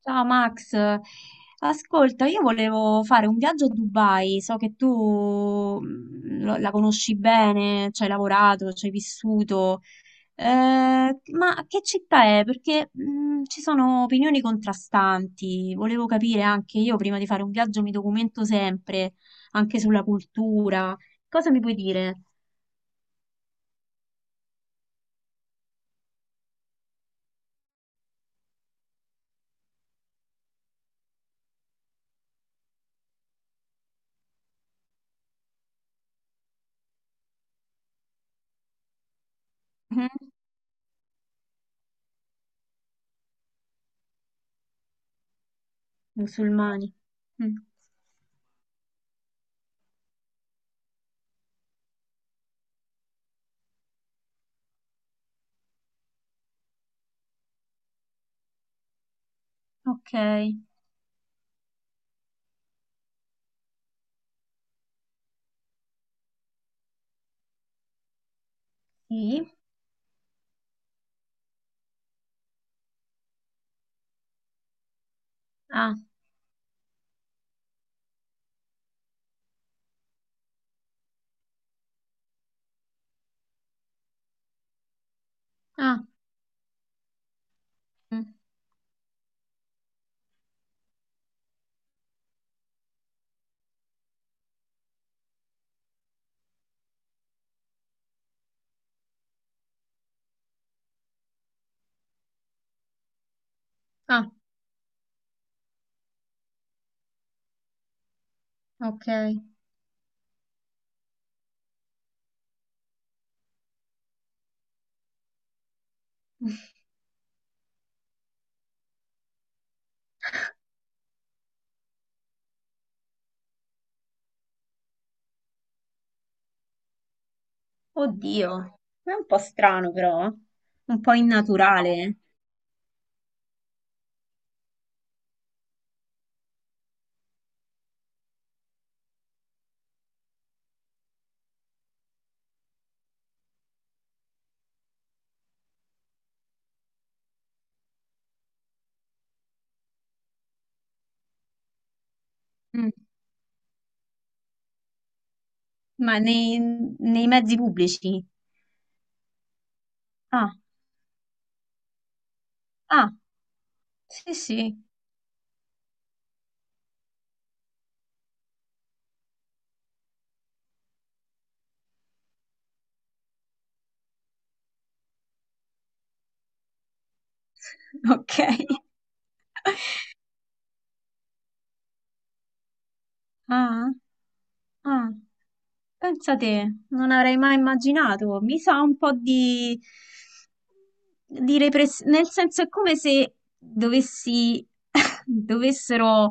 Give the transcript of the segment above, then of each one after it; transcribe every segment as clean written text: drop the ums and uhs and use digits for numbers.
Ciao Max, ascolta, io volevo fare un viaggio a Dubai, so che tu la conosci bene, ci hai lavorato, ci hai vissuto. Eh, ma che città è? Perché ci sono opinioni contrastanti, volevo capire anche io, prima di fare un viaggio mi documento sempre, anche sulla cultura. Cosa mi puoi dire? Mhm. Musulmani. Mm. Ok, sì. Ah, ah, mm. Ah, ok. Oddio, è un po' strano però, un po' innaturale. Mm. Ma nei, mezzi pubblici. Ah, ah, sì, sì, ok. Ah, ah. Pensa te, non avrei mai immaginato. Mi sa un po' di, repressione, nel senso è come se dovessi, dovessero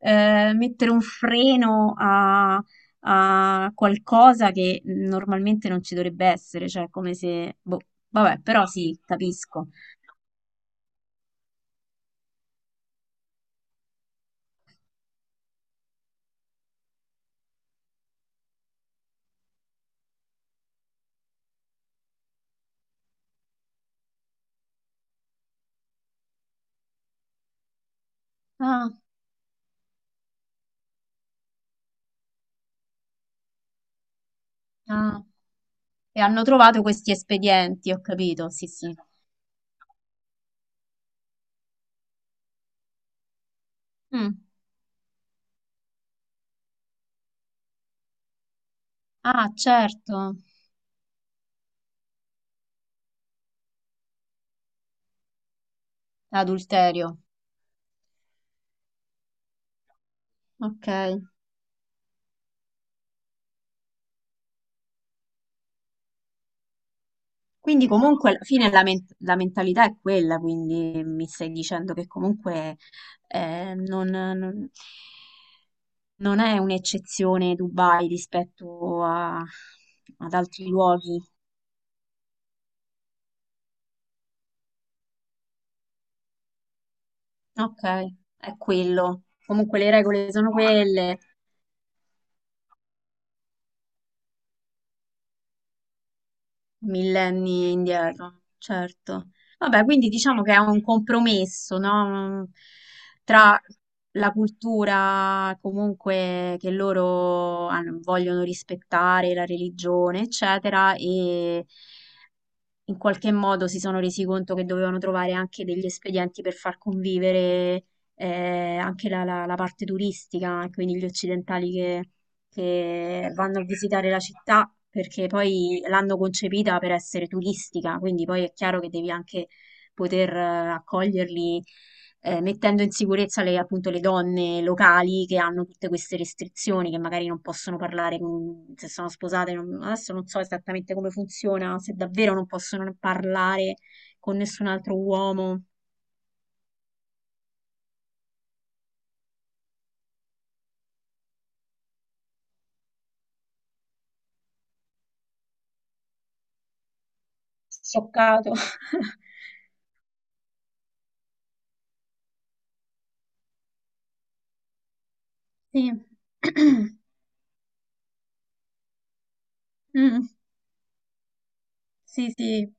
mettere un freno a qualcosa che normalmente non ci dovrebbe essere, cioè come se. Boh, vabbè, però sì, capisco. Ah, ah. E hanno trovato questi espedienti, ho capito, sì, sì. Mm. Ah, certo, adulterio. Ok. Quindi comunque alla fine la mentalità è quella, quindi mi stai dicendo che comunque eh, non, non- non è un'eccezione Dubai rispetto ad altri luoghi. Ok, è quello. Comunque le regole sono quelle. Millenni indietro, certo. Vabbè, quindi diciamo che è un compromesso, no? Tra la cultura comunque che loro vogliono rispettare, la religione, eccetera, e in qualche modo si sono resi conto che dovevano trovare anche degli espedienti per far convivere anche la parte turistica, quindi gli occidentali che vanno a visitare la città, perché poi l'hanno concepita per essere turistica, quindi poi è chiaro che devi anche poter accoglierli, mettendo in sicurezza le, appunto, le donne locali, che hanno tutte queste restrizioni, che magari non possono parlare se sono sposate. Adesso non so esattamente come funziona, se davvero non possono parlare con nessun altro uomo. Scioccato. Sì. Mm, sì, sì,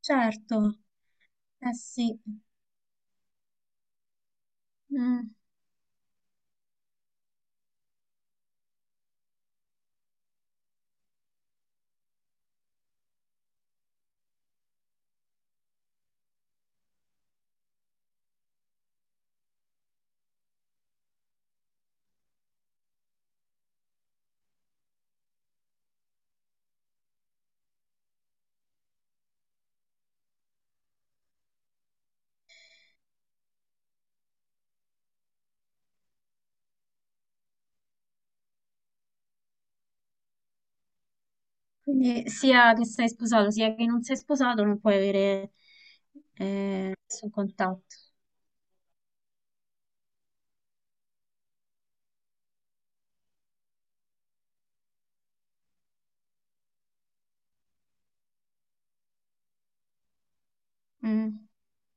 certo. Eh sì. Mm. Quindi sia che sei sposato, sia che non sei sposato, non puoi avere nessun contatto. Mm.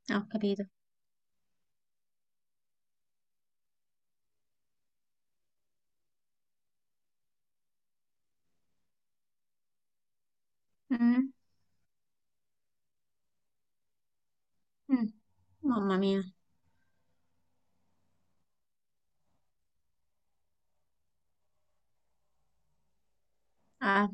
Ah, ho capito. Mm, mm. Mamma mia. Eh.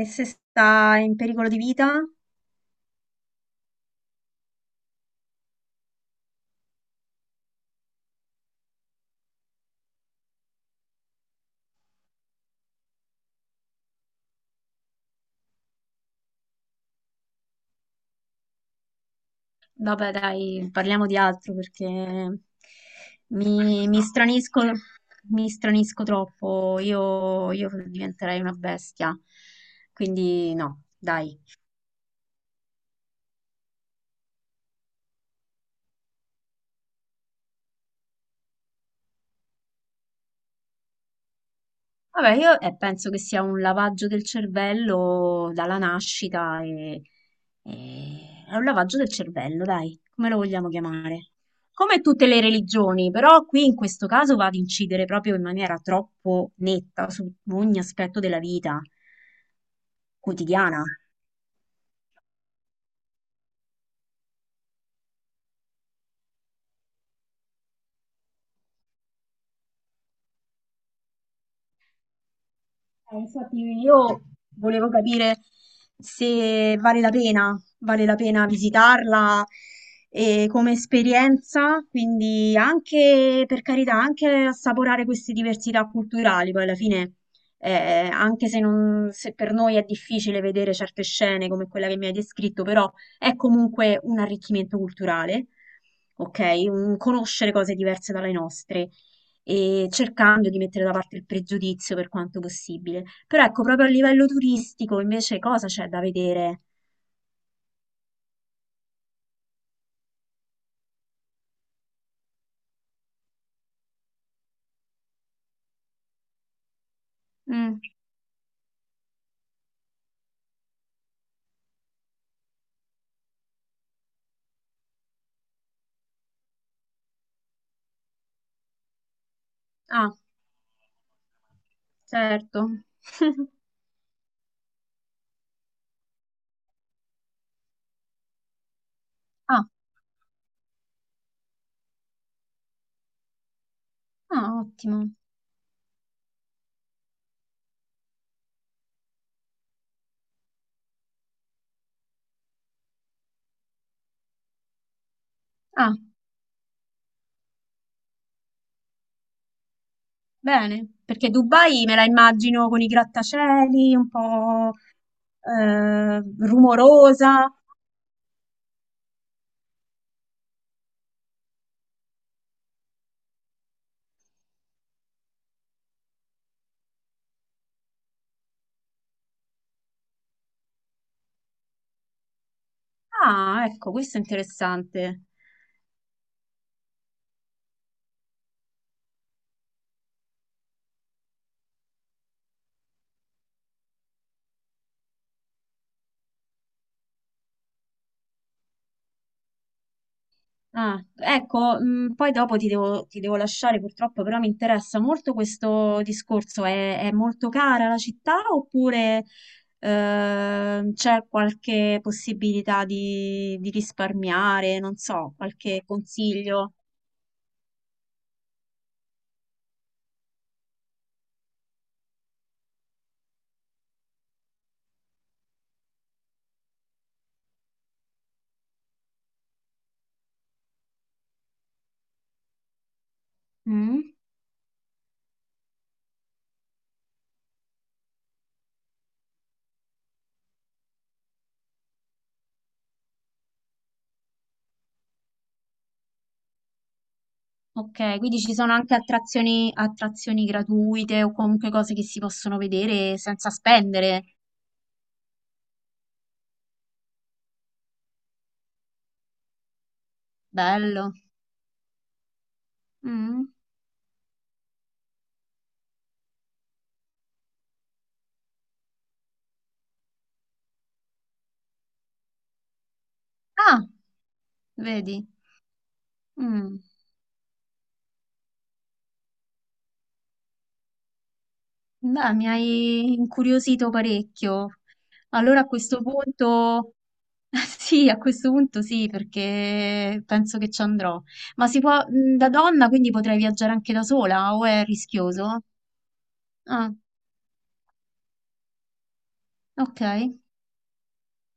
E se sta in pericolo di vita? Vabbè, dai, parliamo di altro, perché mi stranisco, mi stranisco troppo. Io diventerei una bestia. Quindi no, dai. Vabbè, io penso che sia un lavaggio del cervello dalla nascita e, è un lavaggio del cervello, dai, come lo vogliamo chiamare? Come tutte le religioni, però qui in questo caso va ad incidere proprio in maniera troppo netta su ogni aspetto della vita quotidiana. Infatti io volevo capire se vale la pena visitarla come esperienza, quindi anche, per carità, anche assaporare queste diversità culturali. Poi alla fine, anche se, se per noi è difficile vedere certe scene come quella che mi hai descritto, però è comunque un arricchimento culturale, ok? Conoscere cose diverse dalle nostre e cercando di mettere da parte il pregiudizio per quanto possibile. Però ecco, proprio a livello turistico invece cosa c'è da vedere? Mm. Ah, certo. Ah, ah, ottimo. Ah, bene, perché Dubai me la immagino con i grattacieli, un po' rumorosa. Ah, ecco, questo è interessante. Ah, ecco, poi dopo ti devo, lasciare purtroppo, però mi interessa molto questo discorso. È molto cara la città oppure c'è qualche possibilità di risparmiare? Non so, qualche consiglio? Mm? Ok, quindi ci sono anche attrazioni, attrazioni gratuite o comunque cose che si possono vedere senza spendere. Bello. Mm? Ah, vedi. Mm. Beh, mi hai incuriosito parecchio. Allora a questo punto, sì, a questo punto sì, perché penso che ci andrò. Ma si può, da donna, quindi potrei viaggiare anche da sola, o è rischioso? Ah, ok.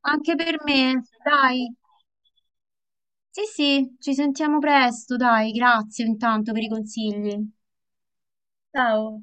Anche per me, dai. Sì, sì, ci sentiamo presto, dai. Grazie intanto per i consigli. Ciao.